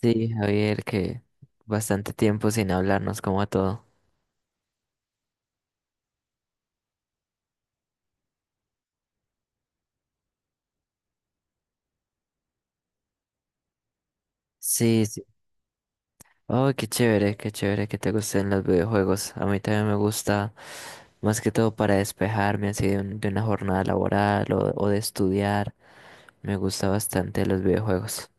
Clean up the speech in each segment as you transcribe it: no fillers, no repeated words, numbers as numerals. Sí, Javier, que bastante tiempo sin hablarnos como a todo. Sí, sí. Oh, qué chévere que te gusten los videojuegos. A mí también me gusta, más que todo para despejarme así de una jornada laboral o de estudiar. Me gusta bastante los videojuegos.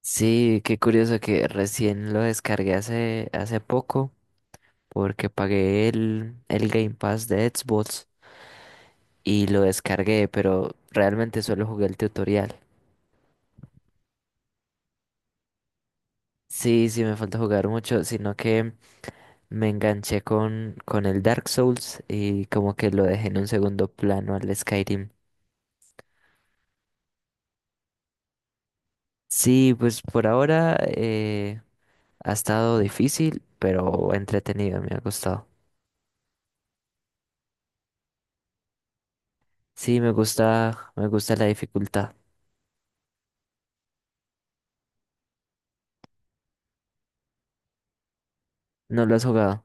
Sí, qué curioso que recién lo descargué hace poco porque pagué el Game Pass de Xbox y lo descargué, pero realmente solo jugué el tutorial. Sí, sí, me falta jugar mucho, sino que me enganché con el Dark Souls y como que lo dejé en un segundo plano al Skyrim. Sí, pues por ahora ha estado difícil, pero entretenido, me ha gustado. Sí, me gusta la dificultad. ¿No lo has jugado?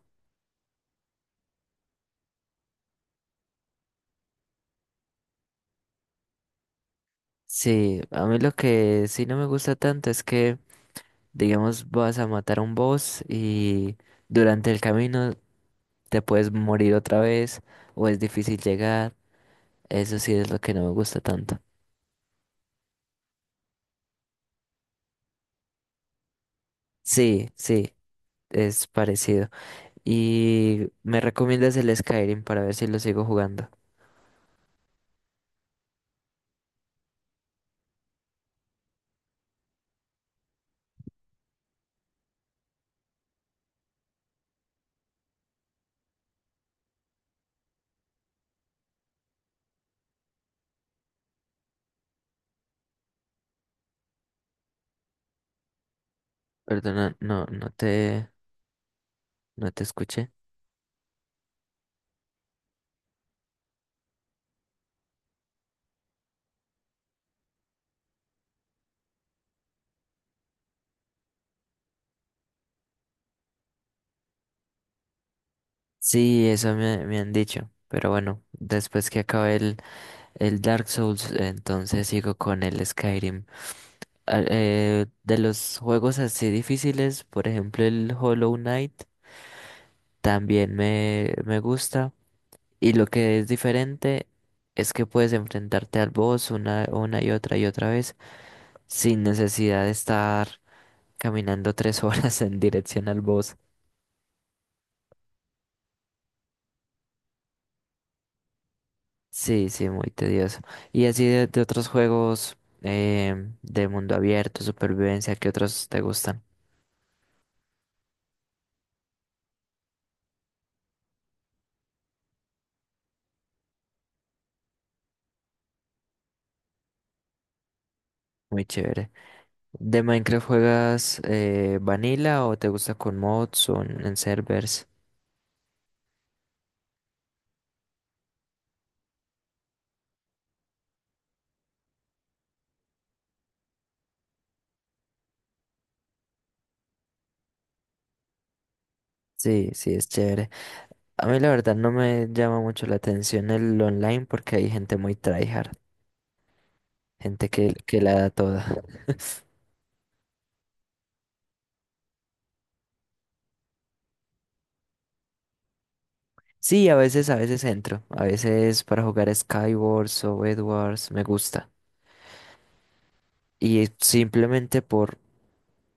Sí, a mí lo que sí no me gusta tanto es que, digamos, vas a matar a un boss y durante el camino te puedes morir otra vez o es difícil llegar. Eso sí es lo que no me gusta tanto. Sí, sí, es parecido. Y me recomiendas el Skyrim para ver si lo sigo jugando. Perdona, no te escuché. Sí, eso me, me han dicho. Pero bueno, después que acabe el Dark Souls, entonces sigo con el Skyrim. Ah, de los juegos así difíciles, por ejemplo el Hollow Knight, también me gusta. Y lo que es diferente es que puedes enfrentarte al boss una y otra vez sin necesidad de estar caminando tres horas en dirección al boss. Sí, sí, muy tedioso. Y así de otros juegos eh, de mundo abierto, supervivencia, ¿qué otros te gustan? Muy chévere. ¿De Minecraft juegas vanilla o te gusta con mods o en servers? Sí, sí, es chévere. A mí la verdad no me llama mucho la atención el online porque hay gente muy tryhard. Gente que la da toda. Sí, a veces entro. A veces para jugar Skywars o Edwards me gusta. Y simplemente por,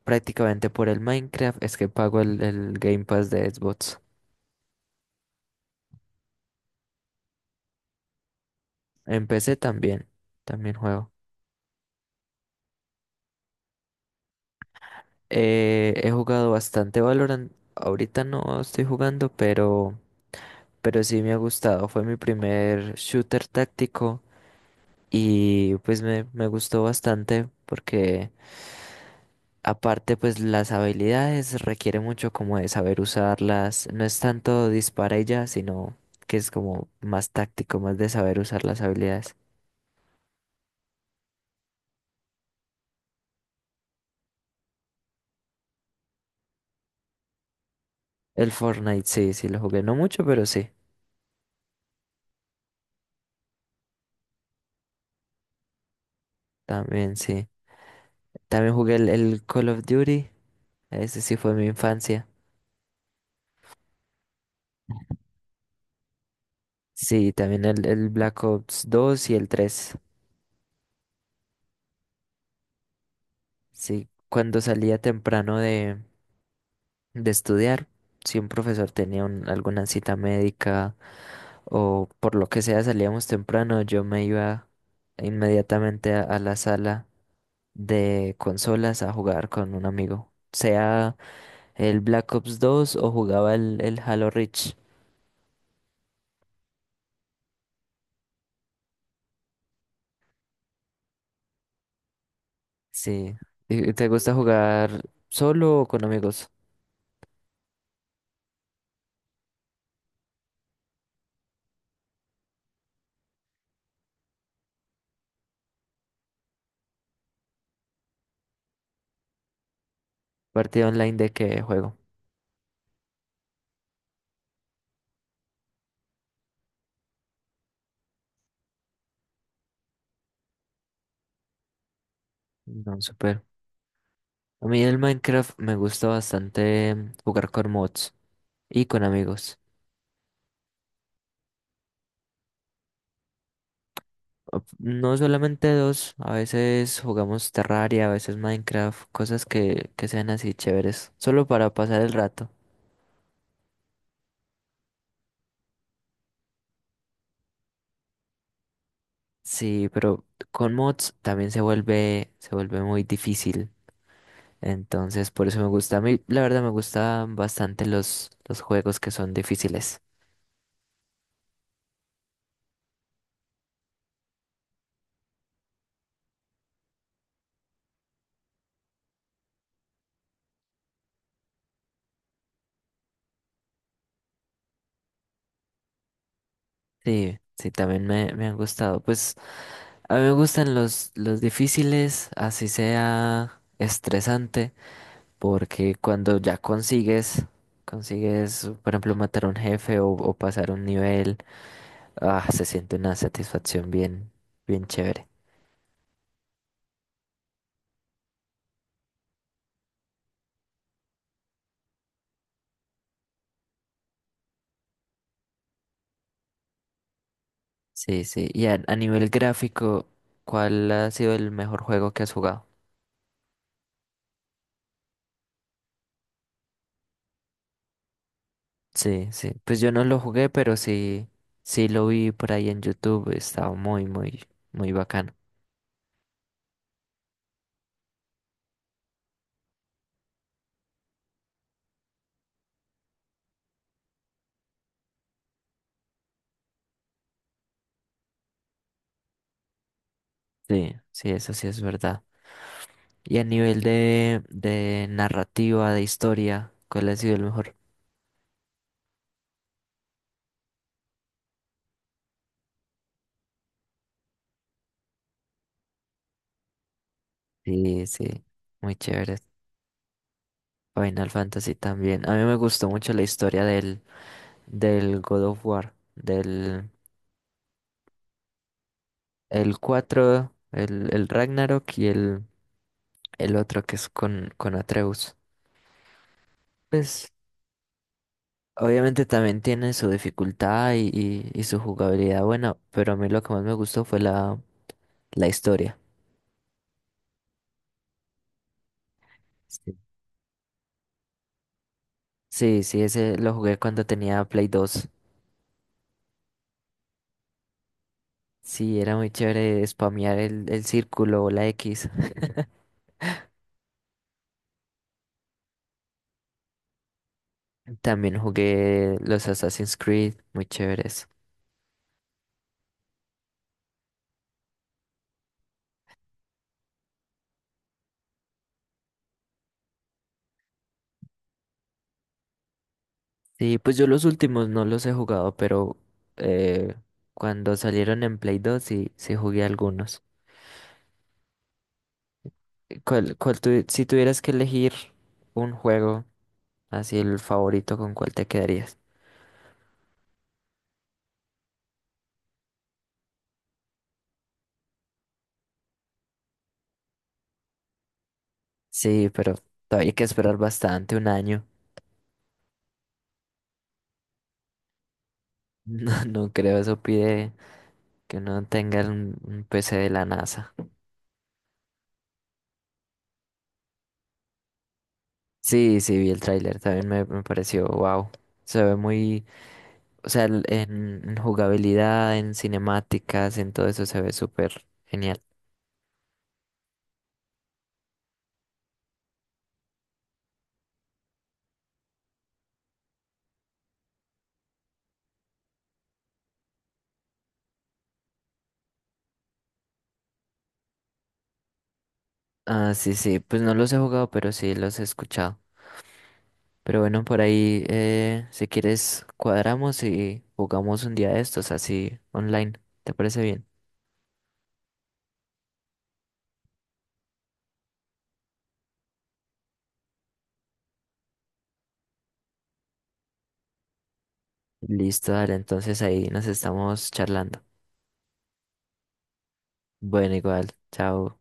prácticamente por el Minecraft es que pago el Game Pass de Xbox. En PC también, también juego. He jugado bastante Valorant. Ahorita no estoy jugando, pero sí me ha gustado. Fue mi primer shooter táctico y pues me gustó bastante porque... Aparte, pues las habilidades requiere mucho como de saber usarlas. No es tanto dispara y ya, sino que es como más táctico, más de saber usar las habilidades. El Fortnite sí, sí lo jugué, no mucho, pero sí. También jugué el Call of Duty, ese sí fue mi infancia. Sí, también el Black Ops 2 y el 3. Sí, cuando salía temprano de estudiar. Si un profesor tenía alguna cita médica o por lo que sea salíamos temprano, yo me iba inmediatamente a la sala de consolas a jugar con un amigo. Sea el Black Ops 2 o jugaba el Halo Reach. Sí. ¿Y te gusta jugar solo o con amigos? ¿Partido online de qué juego? No, super. A mí el Minecraft me gusta bastante jugar con mods y con amigos. No solamente dos, a veces jugamos Terraria, a veces Minecraft, cosas que sean así chéveres, solo para pasar el rato. Sí, pero con mods también se vuelve muy difícil. Entonces, por eso me gusta. A mí, la verdad, me gustan bastante los juegos que son difíciles. Sí, sí, también me han gustado. Pues a mí me gustan los difíciles, así sea estresante. Porque cuando ya consigues, por ejemplo, matar a un jefe o pasar un nivel, ah, se siente una satisfacción bien, bien chévere. Sí, sí. Y a nivel gráfico, ¿cuál ha sido el mejor juego que has jugado? Sí, sí. Pues yo no lo jugué, pero sí, sí lo vi por ahí en YouTube. Estaba muy, muy, muy bacano. Sí, sí, eso sí es verdad. Y a nivel de narrativa, de historia, ¿cuál ha sido el mejor? Sí, sí. Muy chévere. Final Fantasy también. A mí me gustó mucho la historia del God of War, del el 4 el Ragnarok y el otro que es con Atreus. Pues obviamente también tiene su dificultad y su jugabilidad buena, pero a mí lo que más me gustó fue la, la historia. Sí. Sí, sí, ese lo jugué cuando tenía Play 2. Sí, era muy chévere spamear el círculo o la X. También jugué los Assassin's Creed, muy chéveres. Sí, pues yo los últimos no los he jugado, pero eh, cuando salieron en Play 2 sí, sí jugué algunos. Si tuvieras que elegir un juego, así el favorito, ¿con cuál te quedarías? Sí, pero todavía hay que esperar bastante, un año. No, no creo, eso pide que uno tenga un PC de la NASA. Sí, sí, vi el tráiler, también me pareció, wow. Se ve muy... O sea, en jugabilidad, en cinemáticas, en todo eso se ve súper genial. Ah, sí, sí, pues no los he jugado, pero sí los he escuchado. Pero bueno, por ahí, si quieres, cuadramos y jugamos un día de estos, así online. ¿Te parece bien? Listo, dale, entonces ahí nos estamos charlando. Bueno, igual, chao.